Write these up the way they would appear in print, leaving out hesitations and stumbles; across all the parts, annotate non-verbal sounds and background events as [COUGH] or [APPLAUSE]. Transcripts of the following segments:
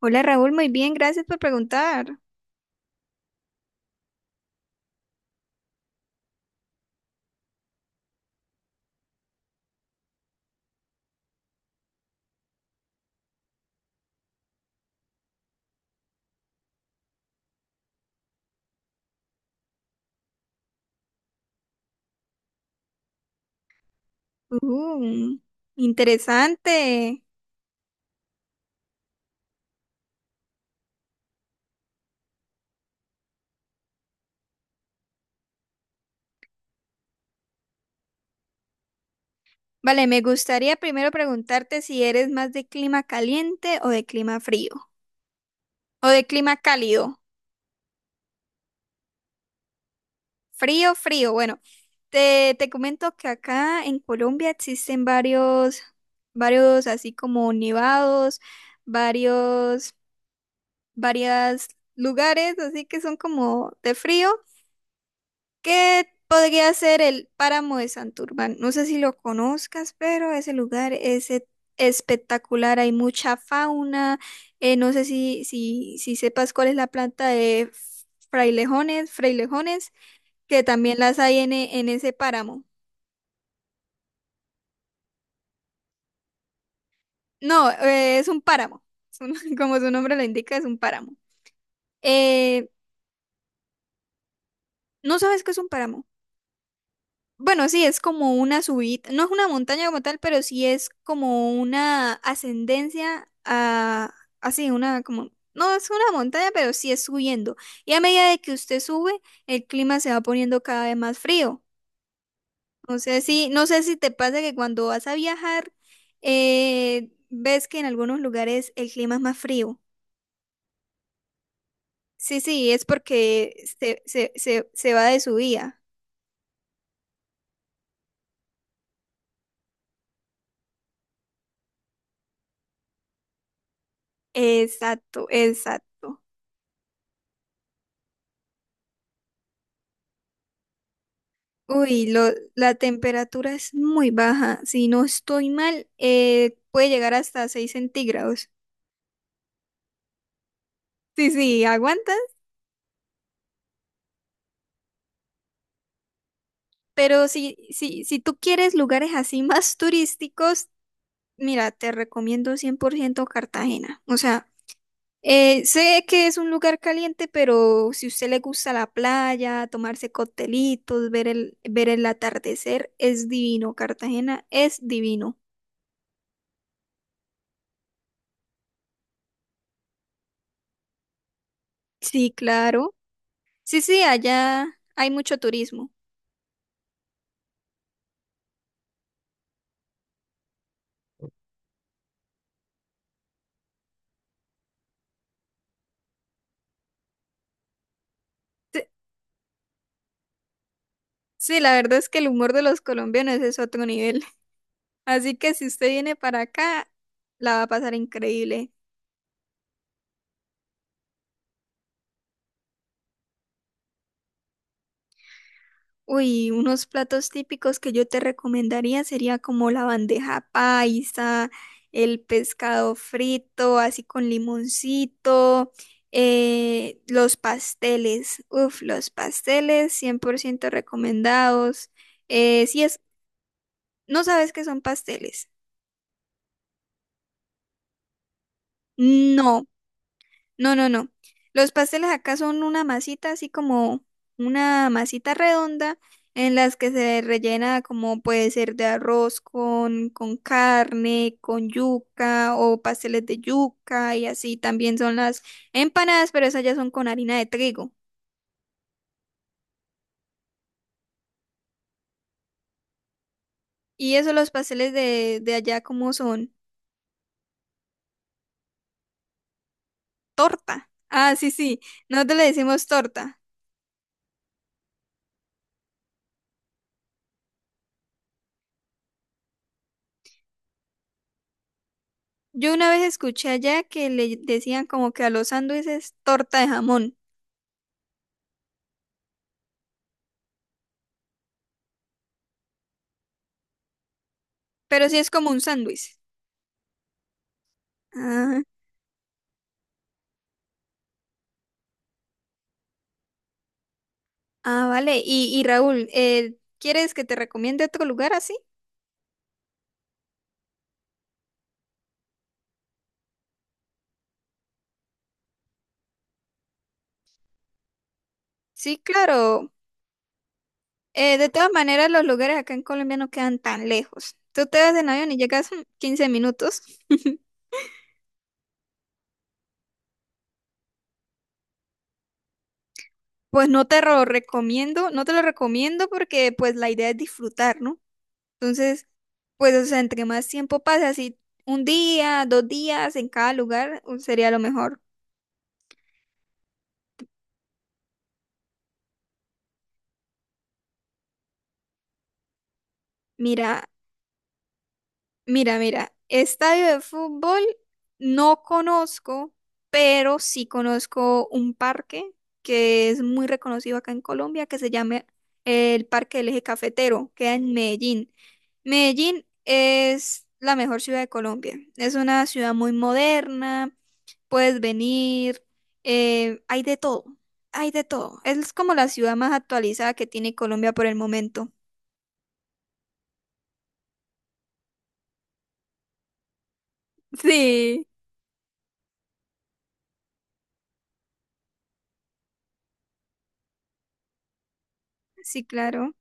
Hola Raúl, muy bien, gracias por preguntar. Uh, Interesante. Vale, me gustaría primero preguntarte si eres más de clima caliente o de clima frío, o de clima cálido. Frío, frío. Bueno, Te comento que acá en Colombia existen varios así como nevados, varios, varias lugares, así que son como de frío. ¿Qué podría ser el páramo de Santurbán? No sé si lo conozcas, pero ese lugar es espectacular, hay mucha fauna. No sé si sepas cuál es la planta de frailejones, frailejones, que también las hay en en ese páramo. No, es un páramo, es un- [LAUGHS] como su nombre lo indica, es un páramo. Eh, ¿No sabes qué es un páramo? Bueno, sí, es como una subida, no es una montaña como tal, pero sí es como una ascendencia a, así, una como, no es una montaña, pero sí es subiendo. Y a medida de que usted sube, el clima se va poniendo cada vez más frío. No sé si te pasa que cuando vas a viajar, ves que en algunos lugares el clima es más frío. Sí, sí, es porque se va de subida. Exacto, exacto. Uy, la temperatura es muy baja. Si no estoy mal, puede llegar hasta 6 centígrados. Sí, sí, aguantas. Pero si tú quieres lugares así [LAUGHS] más turísticos, mira, te recomiendo 100% Cartagena. O sea, sé que es un lugar caliente, pero si usted le gusta la playa, tomarse coctelitos, ver el atardecer, es divino. Cartagena es divino. Sí, claro. Sí, sí, allá hay mucho turismo. Sí, la verdad es que el humor de los colombianos es otro nivel. [LAUGHS] Así que si usted viene para acá, la va a pasar increíble. Uy, unos platos típicos que yo te recomendaría sería como la bandeja paisa, el pescado frito, así con limoncito, los pasteles. Uf, los pasteles 100% recomendados. Eh, si es, ¿No sabes qué son pasteles? No. No, no, no. Los pasteles acá son una masita, así como una masita redonda, en las que se rellena como puede ser de arroz con carne, con yuca o pasteles de yuca y así. También son las empanadas, pero esas ya son con harina de trigo. Y eso los pasteles de allá como son torta. Ah, sí, sí. Nosotros le decimos torta. Yo una vez escuché allá que le decían como que a los sándwiches torta de jamón, pero sí es como un sándwich. Ah, vale. Y Raúl, ¿quieres que te recomiende otro lugar así? Sí, claro. De todas maneras, los lugares acá en Colombia no quedan tan lejos. Tú te vas en avión y llegas 15 minutos. [LAUGHS] Pues no te lo recomiendo, no te lo recomiendo porque pues la idea es disfrutar, ¿no? Entonces, pues o sea, entre más tiempo pasa, así un día, 2 días en cada lugar, sería lo mejor. Mira, mira, estadio de fútbol no conozco, pero sí conozco un parque que es muy reconocido acá en Colombia, que se llama el Parque del Eje Cafetero, queda en Medellín. Medellín es la mejor ciudad de Colombia, es una ciudad muy moderna, puedes venir, hay de todo, hay de todo. Es como la ciudad más actualizada que tiene Colombia por el momento. Sí, sí, claro.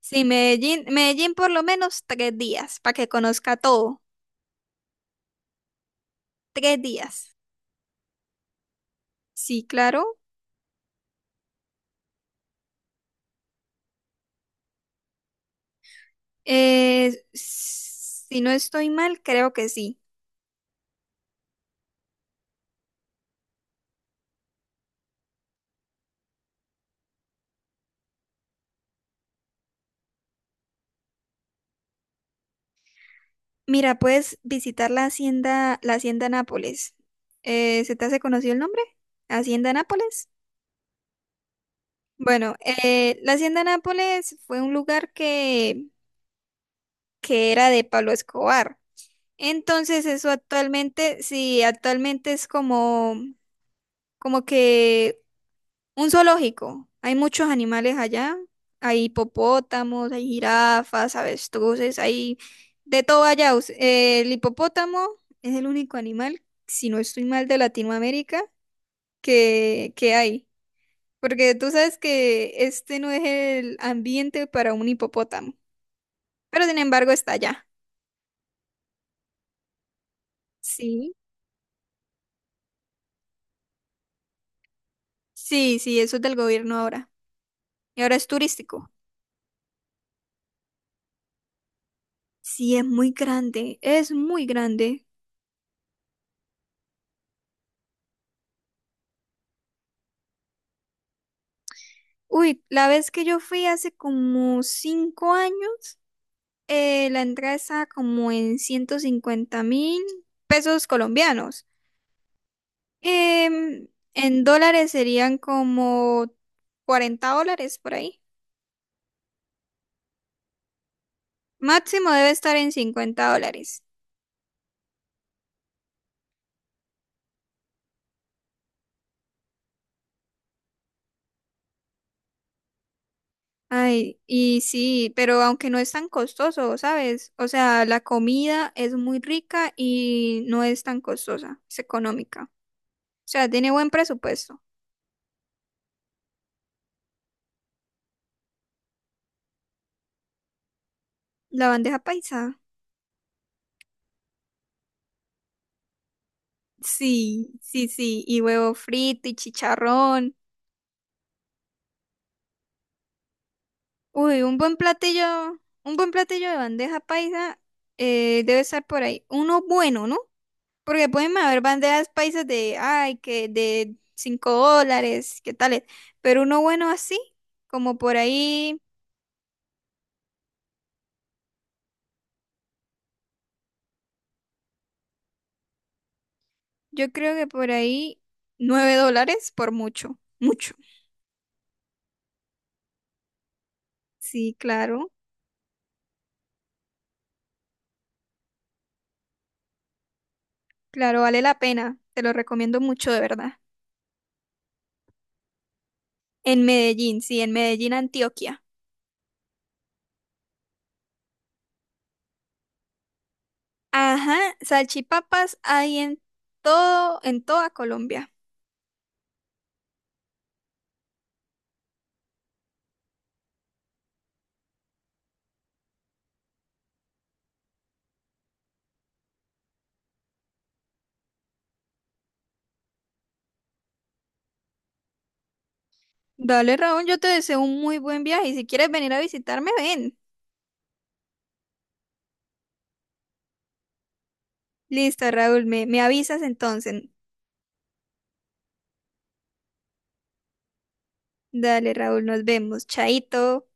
Sí, Medellín, Medellín por lo menos 3 días para que conozca todo. 3 días. Sí, claro. Si no estoy mal, creo que sí. Mira, puedes visitar la hacienda Nápoles. ¿Se te hace conocido el nombre? Hacienda Nápoles. Bueno, la hacienda Nápoles fue un lugar que era de Pablo Escobar. Entonces, eso actualmente, sí, actualmente es como, como que un zoológico. Hay muchos animales allá. Hay hipopótamos, hay jirafas, avestruces, hay de todo allá. El hipopótamo es el único animal, si no estoy mal, de Latinoamérica que hay. Porque tú sabes que este no es el ambiente para un hipopótamo. Pero sin embargo está allá. Sí. Sí, sí, eso es del gobierno ahora. Y ahora es turístico. Sí, es muy grande, es muy grande. Uy, la vez que yo fui hace como 5 años, la entrada estaba como en 150 mil pesos colombianos. Em, en dólares serían como $40 por ahí. Máximo debe estar en $50. Ay, y sí, pero aunque no es tan costoso, ¿sabes? O sea, la comida es muy rica y no es tan costosa, es económica. O sea, tiene buen presupuesto. La bandeja paisa. Sí, sí, sí, y huevo frito y chicharrón. Uy, un buen platillo de bandeja paisa debe estar por ahí. Uno bueno, ¿no? Porque pueden haber bandejas paisas de, ay, que de $5, qué tales. Pero uno bueno así, como por ahí, yo creo que por ahí $9 por mucho, mucho. Sí, claro, claro, vale la pena. Te lo recomiendo mucho, de verdad. En Medellín, sí, en Medellín, Antioquia. Ajá, salchipapas hay en todo, en toda Colombia. Dale, Raúl, yo te deseo un muy buen viaje y si quieres venir a visitarme, ven. Listo, Raúl, me avisas entonces. Dale, Raúl, nos vemos. Chaito.